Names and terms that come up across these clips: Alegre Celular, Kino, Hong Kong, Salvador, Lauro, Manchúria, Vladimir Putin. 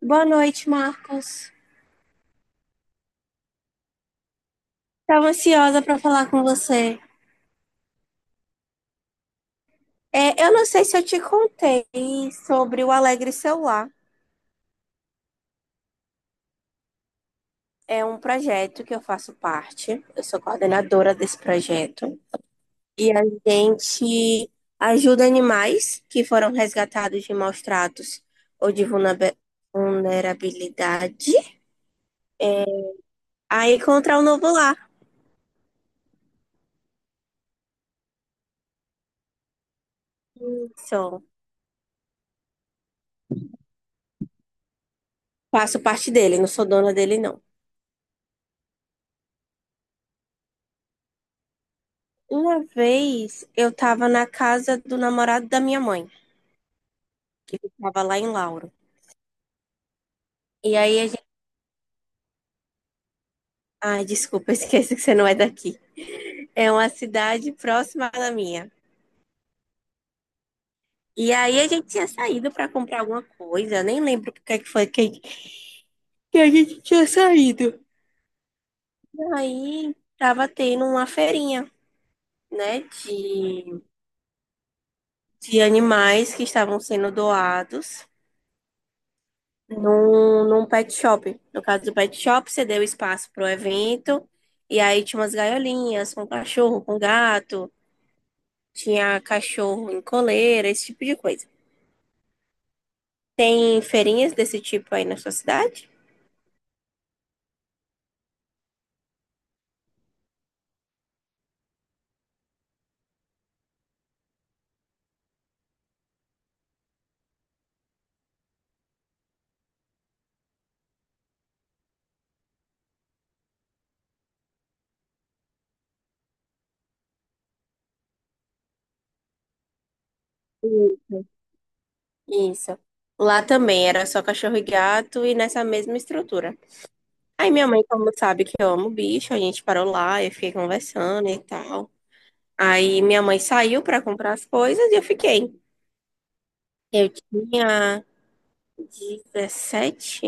Boa noite, Marcos. Estava ansiosa para falar com você. É, eu não sei se eu te contei sobre o Alegre Celular. É um projeto que eu faço parte. Eu sou coordenadora desse projeto. E a gente ajuda animais que foram resgatados de maus tratos ou de vulnerabilidade a encontrar um novo lar. Então, faço parte dele, não sou dona dele, não. Uma vez eu estava na casa do namorado da minha mãe, que ficava lá em Lauro. E aí a gente. Ai, desculpa, eu esqueci que você não é daqui. É uma cidade próxima da minha. E aí a gente tinha saído para comprar alguma coisa, nem lembro porque é que foi que a gente tinha saído. E aí tava tendo uma feirinha, né, de animais que estavam sendo doados num pet shop. No caso do pet shop, você deu espaço para o evento, e aí tinha umas gaiolinhas com cachorro, com gato, tinha cachorro em coleira, esse tipo de coisa. Tem feirinhas desse tipo aí na sua cidade? Sim. Isso. Lá também era só cachorro e gato e nessa mesma estrutura. Aí minha mãe, como sabe que eu amo bicho, a gente parou lá, eu fiquei conversando e tal. Aí minha mãe saiu para comprar as coisas e eu fiquei. Eu tinha 17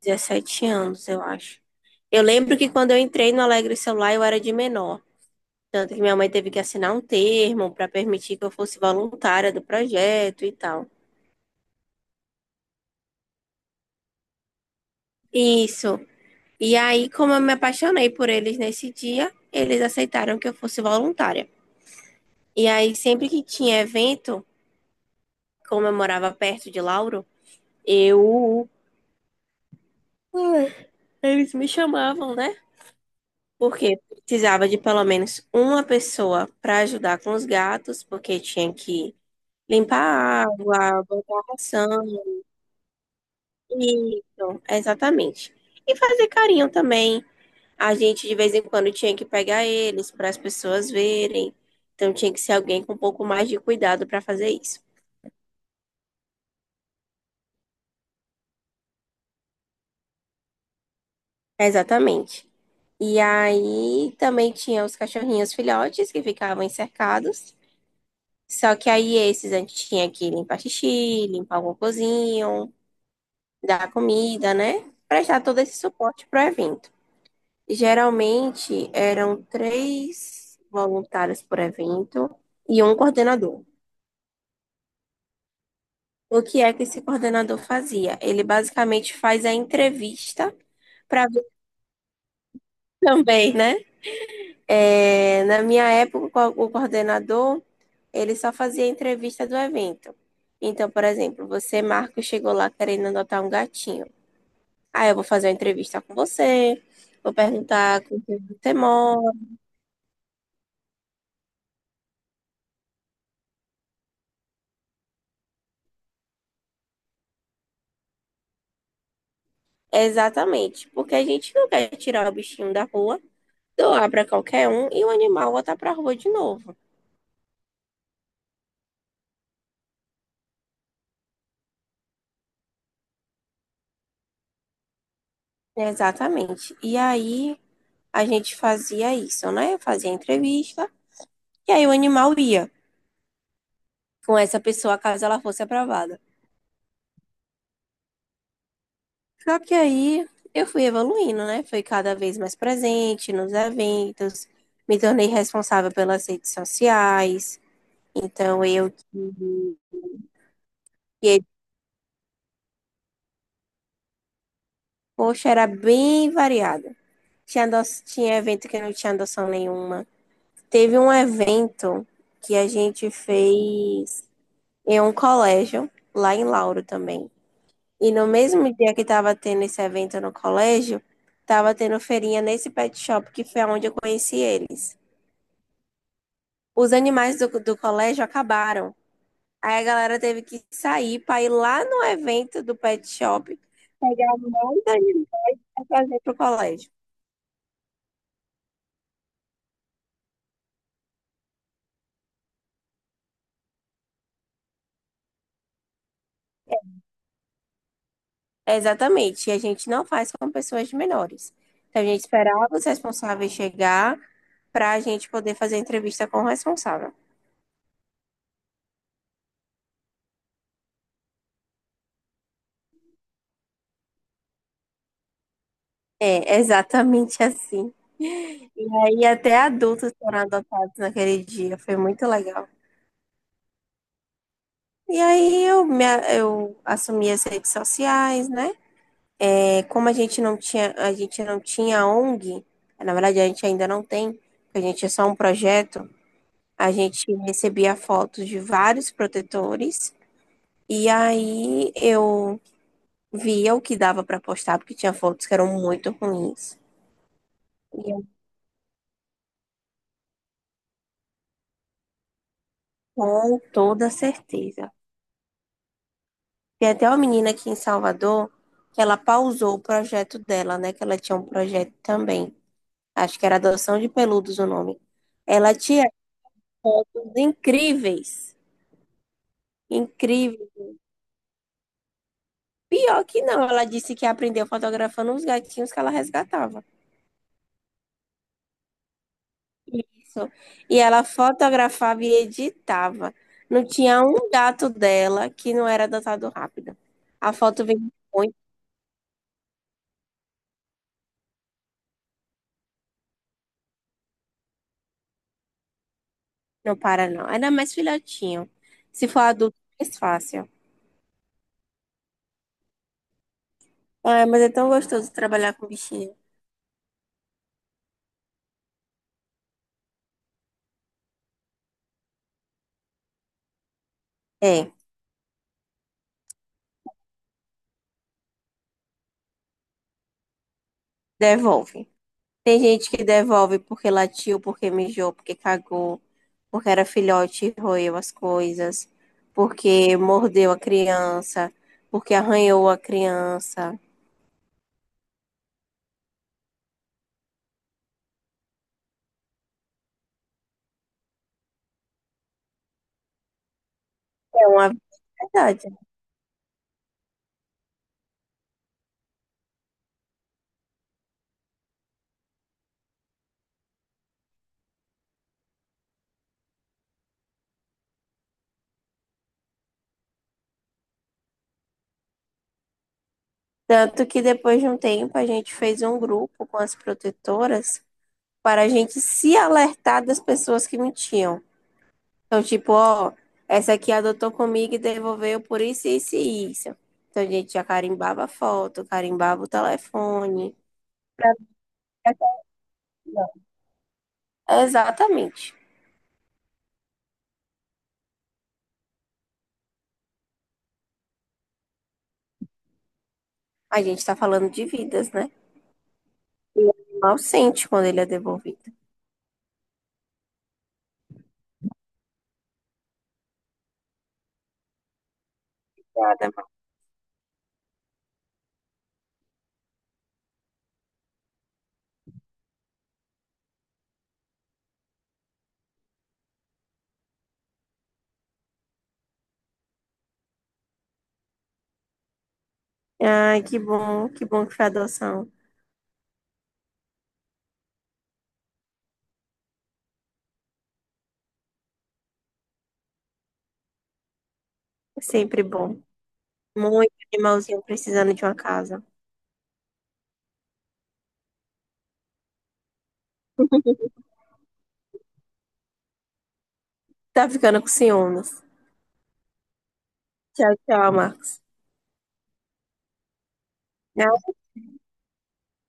17 anos, eu acho. Eu lembro que quando eu entrei no Alegre Celular, eu era de menor. Tanto que minha mãe teve que assinar um termo para permitir que eu fosse voluntária do projeto e tal. Isso. E aí, como eu me apaixonei por eles nesse dia, eles aceitaram que eu fosse voluntária. E aí, sempre que tinha evento, como eu morava perto de Lauro, eu. Eles me chamavam, né? Porque precisava de pelo menos uma pessoa para ajudar com os gatos, porque tinha que limpar a água, botar a ração. Isso, exatamente. E fazer carinho também. A gente de vez em quando tinha que pegar eles para as pessoas verem. Então tinha que ser alguém com um pouco mais de cuidado para fazer isso. Exatamente. E aí também tinha os cachorrinhos filhotes que ficavam encercados. Só que aí esses a gente tinha que limpar xixi, limpar o cocôzinho, dar comida, né? Prestar todo esse suporte pro evento. Geralmente eram três voluntários por evento e um coordenador. O que é que esse coordenador fazia? Ele basicamente faz a entrevista para ver também, né? É, na minha época, o coordenador ele só fazia a entrevista do evento. Então, por exemplo, você, Marco, chegou lá querendo adotar um gatinho. Ah, eu vou fazer uma entrevista com você, vou perguntar com quem você mora. Exatamente, porque a gente não quer tirar o bichinho da rua, doar para qualquer um e o animal voltar para a rua de novo. Exatamente. E aí a gente fazia isso, né? Fazia a entrevista e aí o animal ia com essa pessoa caso ela fosse aprovada. Só que aí eu fui evoluindo, né? Fui cada vez mais presente nos eventos, me tornei responsável pelas redes sociais. Então eu que, poxa, era bem variada. Tinha, tinha evento que não tinha adoção nenhuma. Teve um evento que a gente fez em um colégio, lá em Lauro também. E no mesmo dia que estava tendo esse evento no colégio, estava tendo feirinha nesse pet shop, que foi onde eu conheci eles. Os animais do colégio acabaram. Aí a galera teve que sair para ir lá no evento do pet shop, pegar mais animais para trazer para o colégio. Exatamente. E a gente não faz com pessoas menores. Então a gente esperava os responsáveis chegar para a gente poder fazer a entrevista com o responsável. É, exatamente assim. E aí até adultos foram adotados naquele dia, foi muito legal. E aí eu assumi as redes sociais, né? É, como a gente não tinha, a gente não tinha ONG, na verdade a gente ainda não tem, porque a gente é só um projeto, a gente recebia fotos de vários protetores. E aí eu via o que dava para postar, porque tinha fotos que eram muito ruins. E com toda certeza. Tem até uma menina aqui em Salvador que ela pausou o projeto dela, né? Que ela tinha um projeto também. Acho que era adoção de peludos o nome. Ela tinha fotos incríveis. Incríveis. Pior que não, ela disse que aprendeu fotografando os gatinhos que ela resgatava. Isso. E ela fotografava e editava. Não tinha um gato dela que não era adotado rápido. A foto veio. Não para, não. Ainda mais filhotinho. Se for adulto, é mais fácil. Ah, mas é tão gostoso trabalhar com bichinho. É, devolve. Tem gente que devolve porque latiu, porque mijou, porque cagou, porque era filhote e roeu as coisas, porque mordeu a criança, porque arranhou a criança. É uma verdade. Tanto que depois de um tempo a gente fez um grupo com as protetoras para a gente se alertar das pessoas que mentiam. Então, tipo, ó, essa aqui adotou comigo e devolveu por isso, isso e isso. Então, a gente já carimbava a foto, carimbava o telefone. Pra ver até- exatamente. A gente está falando de vidas, né? E o animal sente quando ele é devolvido. Obrigada, mãe. Ai, que bom, que bom que foi adoção. É sempre bom. Muito animalzinho precisando de uma casa. Tá ficando com ciúmes. Tchau, tchau, Marcos. Ai,